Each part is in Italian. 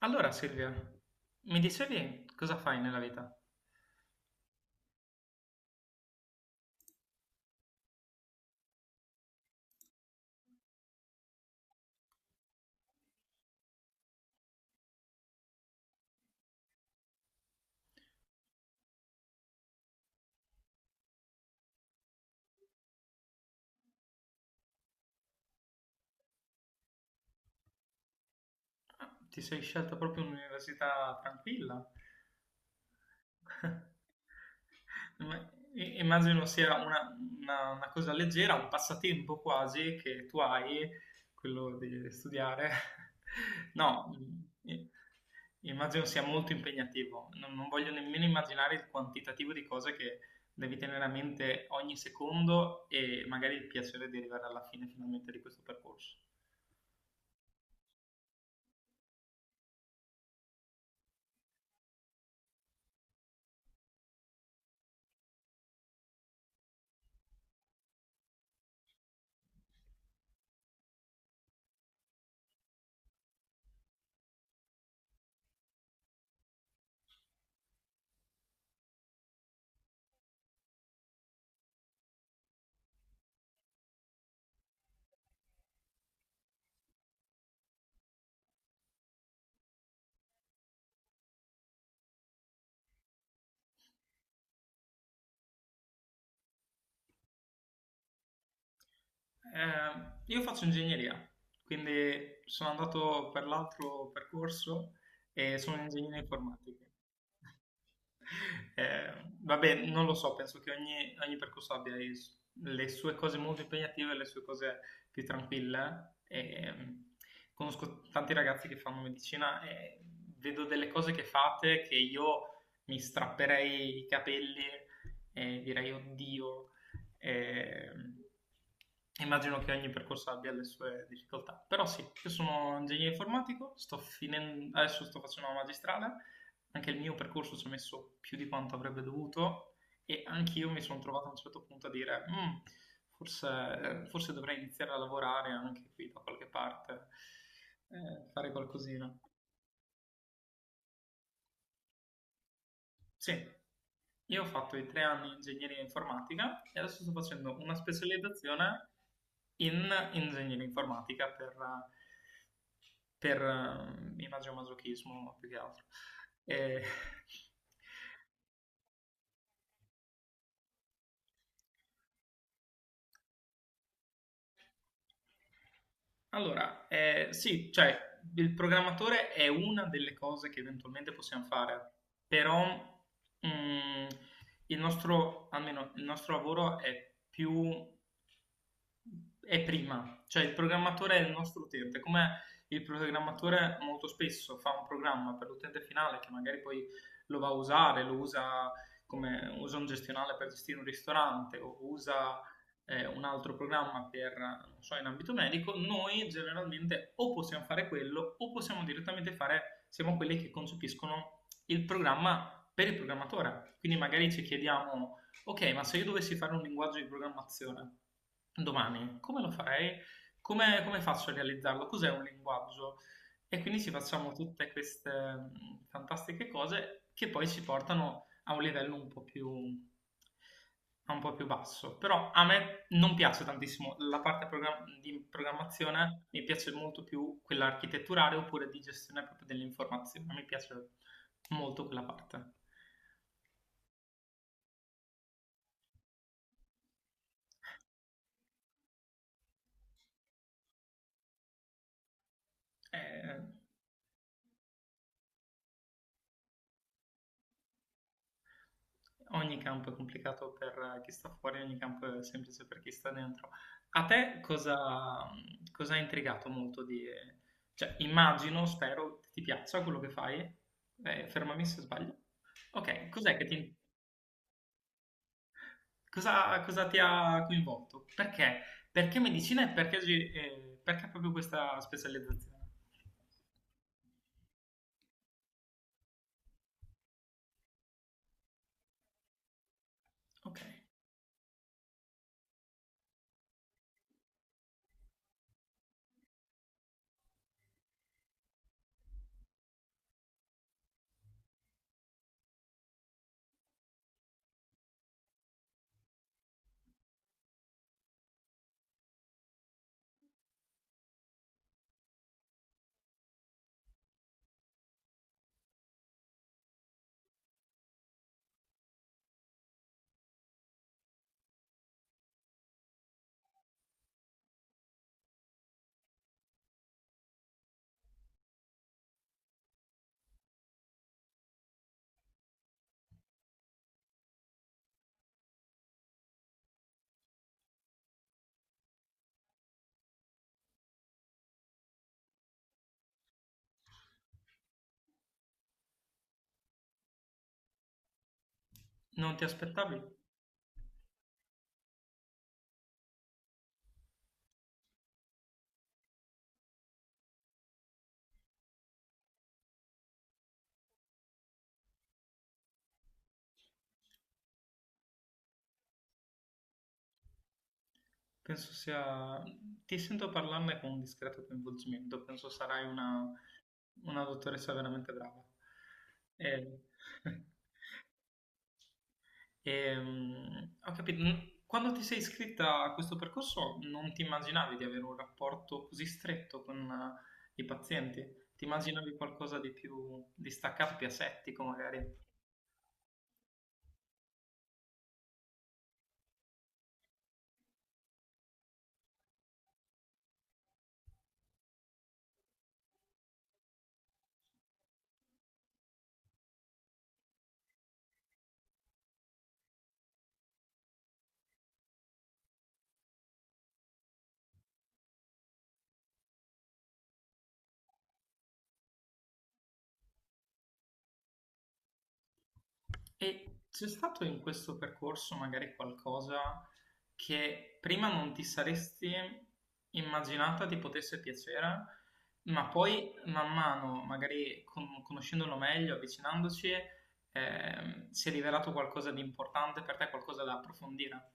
Allora Silvia, mi dicevi cosa fai nella vita? Ah, ti sei scelta proprio un'università tranquilla? Immagino sia una cosa leggera, un passatempo quasi che tu hai, quello di studiare. No, i- immagino sia molto impegnativo. Non voglio nemmeno immaginare il quantitativo di cose che devi tenere a mente ogni secondo e magari il piacere di arrivare alla fine finalmente di questo percorso. Io faccio ingegneria, quindi sono andato per l'altro percorso e sono un ingegnere informatico. Eh, Vabbè, non lo so, penso che ogni percorso abbia le sue cose molto impegnative e le sue cose più tranquille. E conosco tanti ragazzi che fanno medicina e vedo delle cose che fate che io mi strapperei i capelli e direi, oddio, e immagino che ogni percorso abbia le sue difficoltà. Però sì, io sono ingegnere informatico, sto finendo, adesso sto facendo la magistrale, anche il mio percorso ci ha messo più di quanto avrebbe dovuto e anch'io mi sono trovato a un certo punto a dire "Mm, forse dovrei iniziare a lavorare anche qui da qualche parte, fare qualcosina." Sì, io ho fatto i 3 anni in ingegneria informatica e adesso sto facendo una specializzazione in ingegneria informatica per, imagomasochismo più che altro. E- Allora, sì, cioè il programmatore è una delle cose che eventualmente possiamo fare, però mm, il nostro, almeno il nostro lavoro è più, cioè il programmatore è il nostro utente, come il programmatore molto spesso fa un programma per l'utente finale che magari poi lo va a usare, lo usa come usa un gestionale per gestire un ristorante o usa un altro programma per, non so, in ambito medico. Noi generalmente o possiamo fare quello o possiamo direttamente fare, siamo quelli che concepiscono il programma per il programmatore. Quindi magari ci chiediamo, ok, ma se io dovessi fare un linguaggio di programmazione domani, come lo farei? Come faccio a realizzarlo? Cos'è un linguaggio? E quindi ci facciamo tutte queste fantastiche cose che poi ci portano a un livello un po' più basso. Però a me non piace tantissimo la parte di programmazione, mi piace molto più quella architetturale oppure di gestione proprio dell'informazione, mi piace molto quella parte. Eh, Ogni campo è complicato per chi sta fuori, ogni campo è semplice per chi sta dentro. A te cosa, cosa ha intrigato molto di... Cioè, immagino, spero, ti piaccia quello che fai. Fermami se sbaglio. Ok, cos'è che ti... cosa ti ha coinvolto? Perché? Perché medicina e perché, perché proprio questa specializzazione? Ok, non ti aspettavi? Penso sia... Ti sento parlarne con un discreto coinvolgimento, penso sarai una dottoressa veramente brava. E ho capito. Mm, quando ti sei iscritta a questo percorso non ti immaginavi di avere un rapporto così stretto con i pazienti? Ti immaginavi qualcosa di più distaccato, più asettico magari? E c'è stato in questo percorso magari qualcosa che prima non ti saresti immaginata ti potesse piacere, ma poi man mano, magari conoscendolo meglio, avvicinandoci, si è rivelato qualcosa di importante per te, qualcosa da approfondire.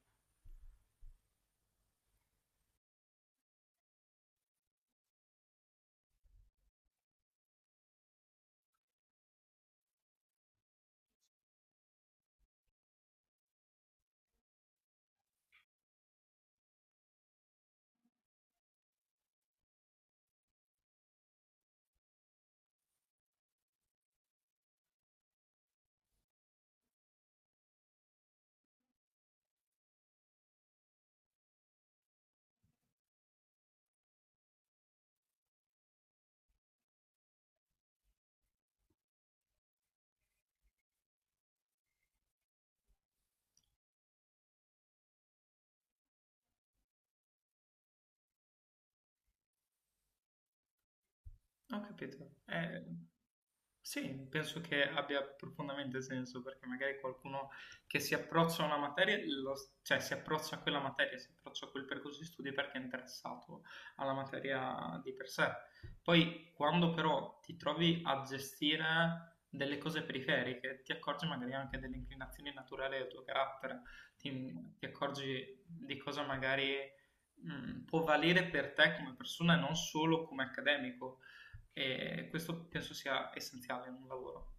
Ho capito. Sì, penso che abbia profondamente senso perché magari qualcuno che si approccia a una materia, cioè si approccia a quella materia, si approccia a quel percorso di studi perché è interessato alla materia di per sé. Poi quando però ti trovi a gestire delle cose periferiche, ti accorgi magari anche delle inclinazioni naturali del tuo carattere, ti, ti accorgi di cosa magari può valere per te come persona e non solo come accademico, e questo penso sia essenziale in un lavoro.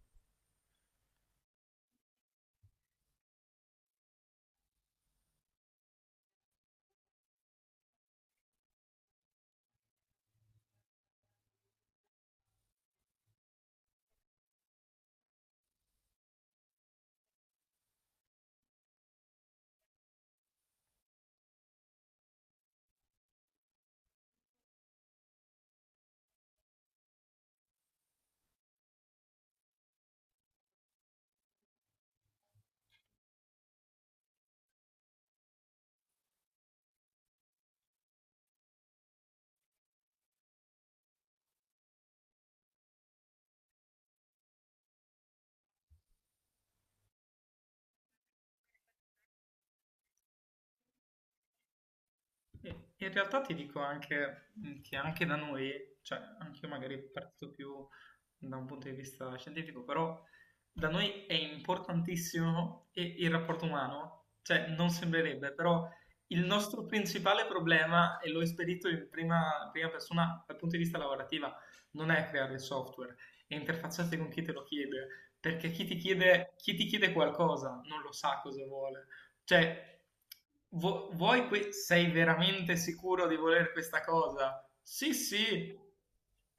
E in realtà ti dico anche che anche da noi, cioè anche io magari parto più da un punto di vista scientifico, però da noi è importantissimo il rapporto umano, cioè non sembrerebbe, però il nostro principale problema, e l'ho esperito in prima persona dal punto di vista lavorativa, non è creare il software, è interfacciarsi con chi te lo chiede, perché chi ti chiede qualcosa non lo sa cosa vuole. Cioè, sei veramente sicuro di voler questa cosa? Sì, sì.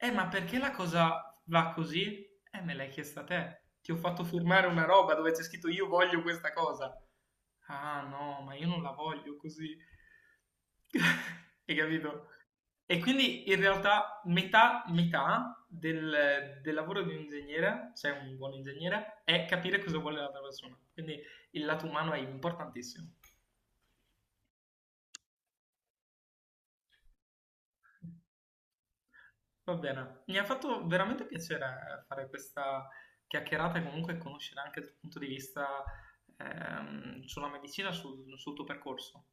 Ma perché la cosa va così? Me l'hai chiesta a te. Ti ho fatto firmare una roba dove c'è scritto, io voglio questa cosa. Ah, no, ma io non la voglio così. Hai capito? E quindi in realtà del lavoro di un ingegnere, se è un buon ingegnere, è capire cosa vuole l'altra persona. Quindi il lato umano è importantissimo. Va bene, mi ha fatto veramente piacere fare questa chiacchierata e comunque conoscere anche il tuo punto di vista sul tuo percorso.